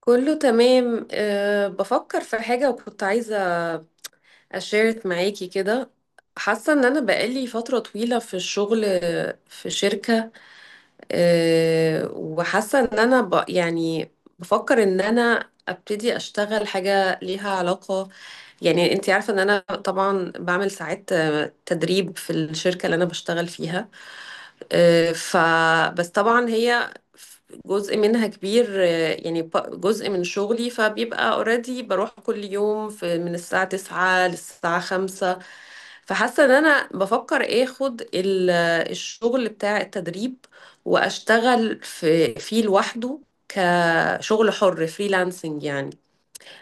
كله تمام، بفكر في حاجة وكنت عايزة أشارك معاكي كده. حاسة إن أنا بقالي فترة طويلة في الشغل، في شركة. وحاسة إن أنا ب يعني بفكر إن أنا أبتدي أشتغل حاجة ليها علاقة. يعني أنتي عارفة إن أنا طبعا بعمل ساعات تدريب في الشركة اللي أنا بشتغل فيها، آه، ف بس طبعا هي جزء منها كبير، يعني جزء من شغلي، فبيبقى اوريدي بروح كل يوم في من الساعة 9 للساعة 5. فحاسة ان انا بفكر اخد الشغل بتاع التدريب واشتغل فيه لوحده، كشغل حر فريلانسنج يعني.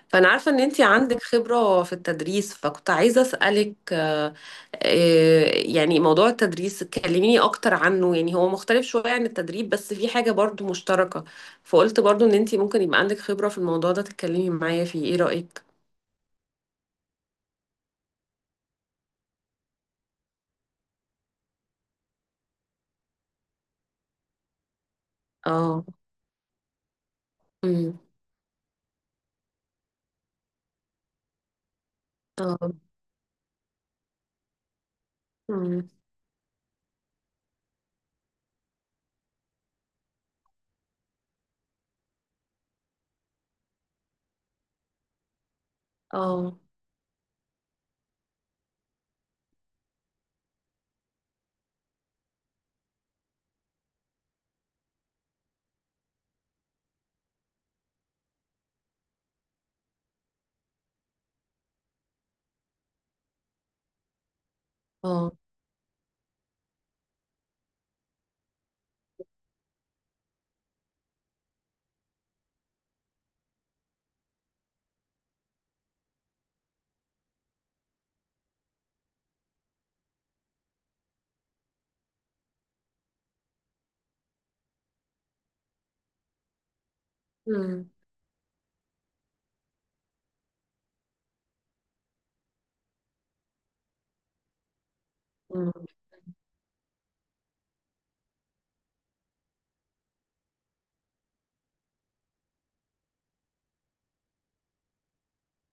فأنا عارفة إن أنتي عندك خبرة في التدريس، فكنت عايزة أسألك، يعني موضوع التدريس كلميني أكتر عنه. يعني هو مختلف شوية عن التدريب بس في حاجة برضو مشتركة، فقلت برضو إن أنتي ممكن يبقى عندك خبرة في الموضوع ده تتكلمي معايا فيه. إيه رأيك؟ اه، امم، اه، امم، اه، اه، امم، امم،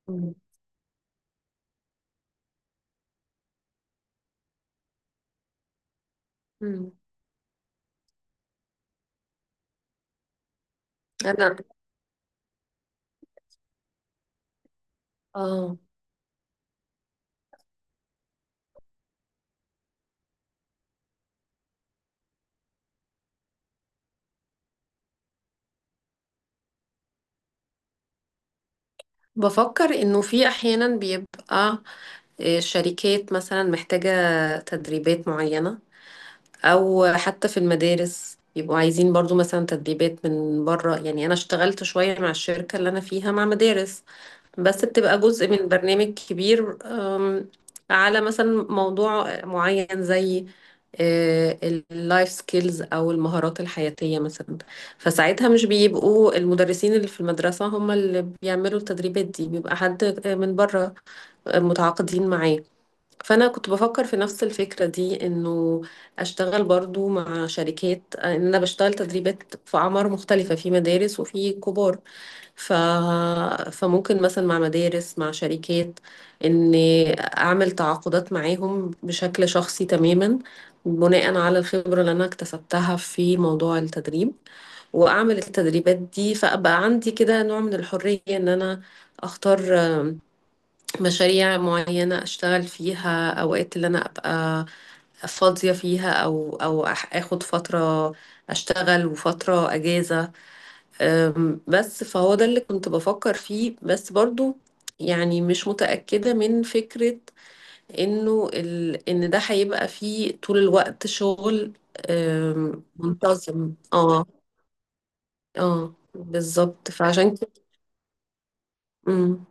امم، أمم. أنا اه بفكر انه في احيانا بيبقى، شركات مثلا محتاجة تدريبات معينة، او حتى في المدارس يبقوا عايزين برضو مثلا تدريبات من بره. يعني انا اشتغلت شوية مع الشركة اللي انا فيها مع مدارس، بس بتبقى جزء من برنامج كبير، على مثلا موضوع معين زي اللايف سكيلز او المهارات الحياتية مثلا. فساعتها مش بيبقوا المدرسين اللي في المدرسة هم اللي بيعملوا التدريبات دي، بيبقى حد، من بره متعاقدين معاه. فانا كنت بفكر في نفس الفكره دي، انه اشتغل برضو مع شركات، ان انا بشتغل تدريبات في اعمار مختلفه، في مدارس وفي كبار. ف... فممكن مثلا مع مدارس مع شركات ان اعمل تعاقدات معاهم بشكل شخصي تماما، بناء على الخبره اللي انا اكتسبتها في موضوع التدريب، واعمل التدريبات دي، فابقى عندي كده نوع من الحريه ان انا اختار مشاريع معينة أشتغل فيها أوقات اللي أنا أبقى فاضية فيها، آخد فترة أشتغل وفترة أجازة. بس فهو ده اللي كنت بفكر فيه، بس برضو يعني مش متأكدة من فكرة إنه إن ده هيبقى فيه طول الوقت شغل، منتظم. اه، اه بالظبط فعشان كده. امم،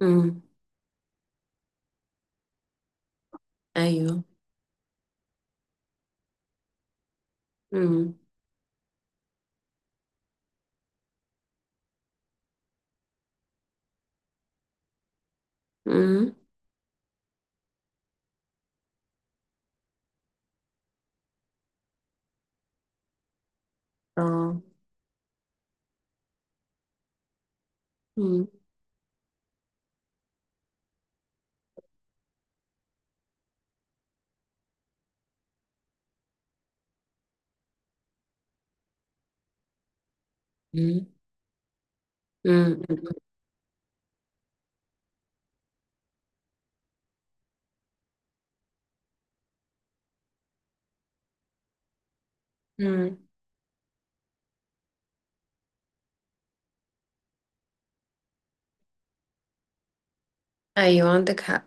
امم، ايوه، امم، امم، اه، مم. مم. مم. مم. ايوه عندك حق.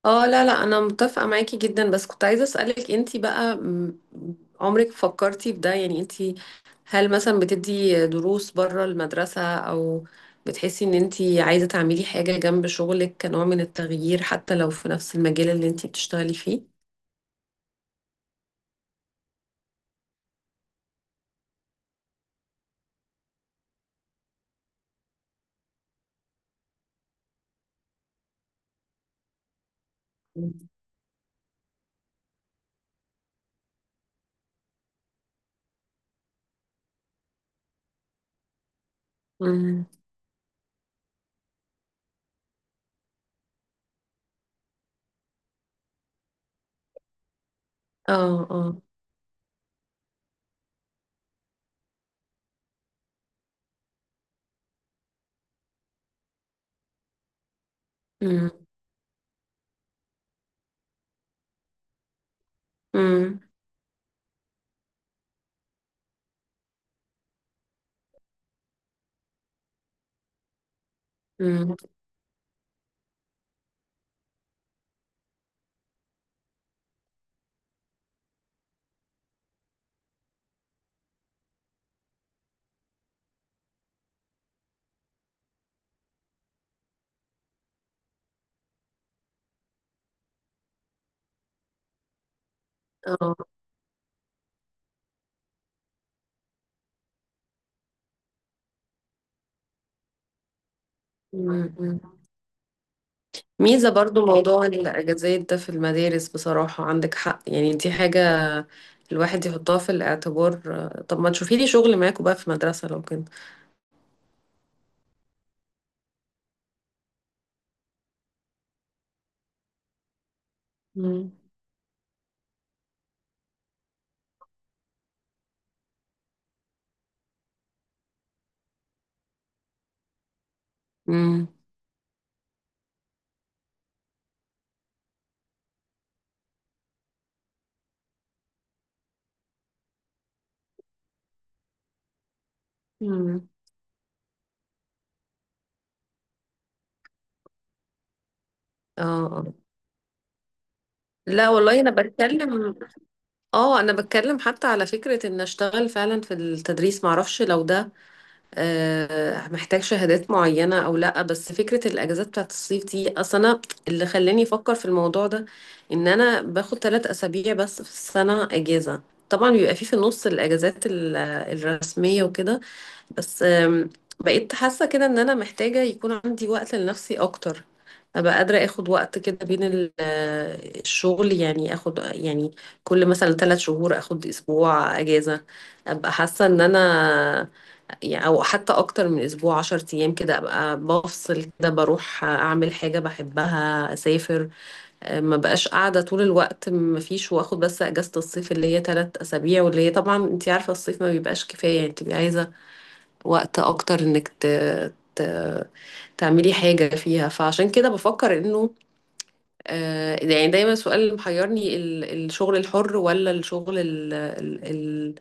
اه، لا لا انا متفقه معاكي جدا، بس كنت عايزه اسالك انتي بقى، عمرك فكرتي في ده؟ يعني انتي هل مثلا بتدي دروس بره المدرسه، او بتحسي ان انتي عايزه تعملي حاجه جنب شغلك كنوع من التغيير حتى لو في نفس المجال اللي انتي بتشتغلي فيه؟ مم. اه، اه، مم. مم. مم. اه، مم. مم. ميزة برضو موضوع الأجازات ده في المدارس، بصراحة عندك حق، يعني دي حاجة الواحد يحطها في الاعتبار. طب ما تشوفي لي شغل معاكوا بقى في مدرسة لو كده. مم. امم. مم. اه، آه. لا والله انا بتكلم، اه انا بتكلم حتى على فكرة ان اشتغل فعلا في التدريس، معرفش لو ده محتاج شهادات معينة أو لأ. بس فكرة الأجازات بتاعت الصيف دي أصلا أنا اللي خلاني أفكر في الموضوع ده. إن أنا باخد 3 أسابيع بس في السنة أجازة، طبعا بيبقى في في النص الأجازات الرسمية وكده، بس بقيت حاسة كده إن أنا محتاجة يكون عندي وقت لنفسي أكتر. أبقى قادرة آخد وقت كده بين الشغل، يعني آخد يعني كل مثلا 3 شهور آخد أسبوع أجازة. أبقى حاسة إن أنا يعني، او حتى اكتر من اسبوع، 10 ايام كده، ابقى بفصل كده بروح اعمل حاجة بحبها، اسافر، ما بقاش قاعدة طول الوقت. ما فيش، واخد بس اجازة الصيف اللي هي 3 اسابيع، واللي هي طبعا انت عارفة الصيف ما بيبقاش كفاية، يعني بتبقي عايزة وقت اكتر انك ت... تعملي حاجة فيها. فعشان كده بفكر انه، يعني دايما السؤال اللي محيرني الشغل الحر ولا الشغل ال-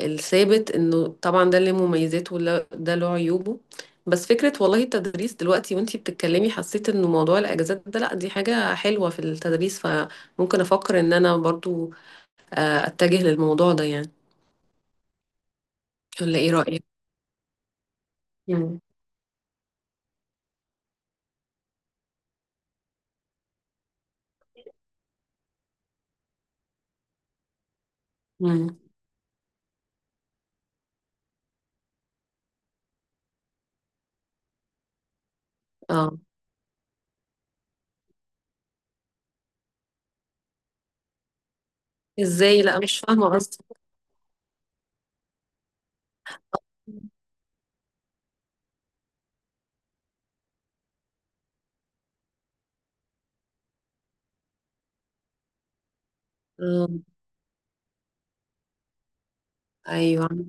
الثابت. انه طبعا ده اللي مميزاته ولا ده له عيوبه. بس فكرة والله التدريس دلوقتي وانتي بتتكلمي، حسيت انه موضوع الاجازات ده، لا دي حاجة حلوة في التدريس، فممكن افكر ان انا برضو اتجه للموضوع ده يعني. ولا ايه رأيك؟ مم. مم. اه ازاي؟ لا مش فاهمة قصدي. آه، ايوه.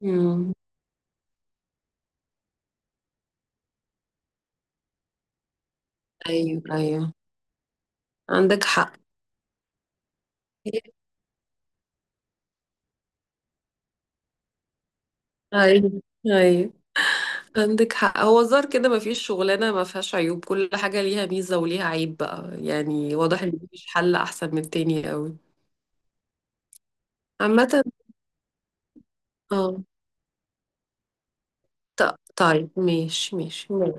مم. ايوه ايوه عندك حق. ايوه ايوه عندك حق. هو الظاهر كده ما فيش شغلانة ما فيهاش عيوب، كل حاجة ليها ميزة وليها عيب بقى. يعني واضح ان مفيش حل احسن من التاني قوي. عامة، اه. طيب ماشي ماشي.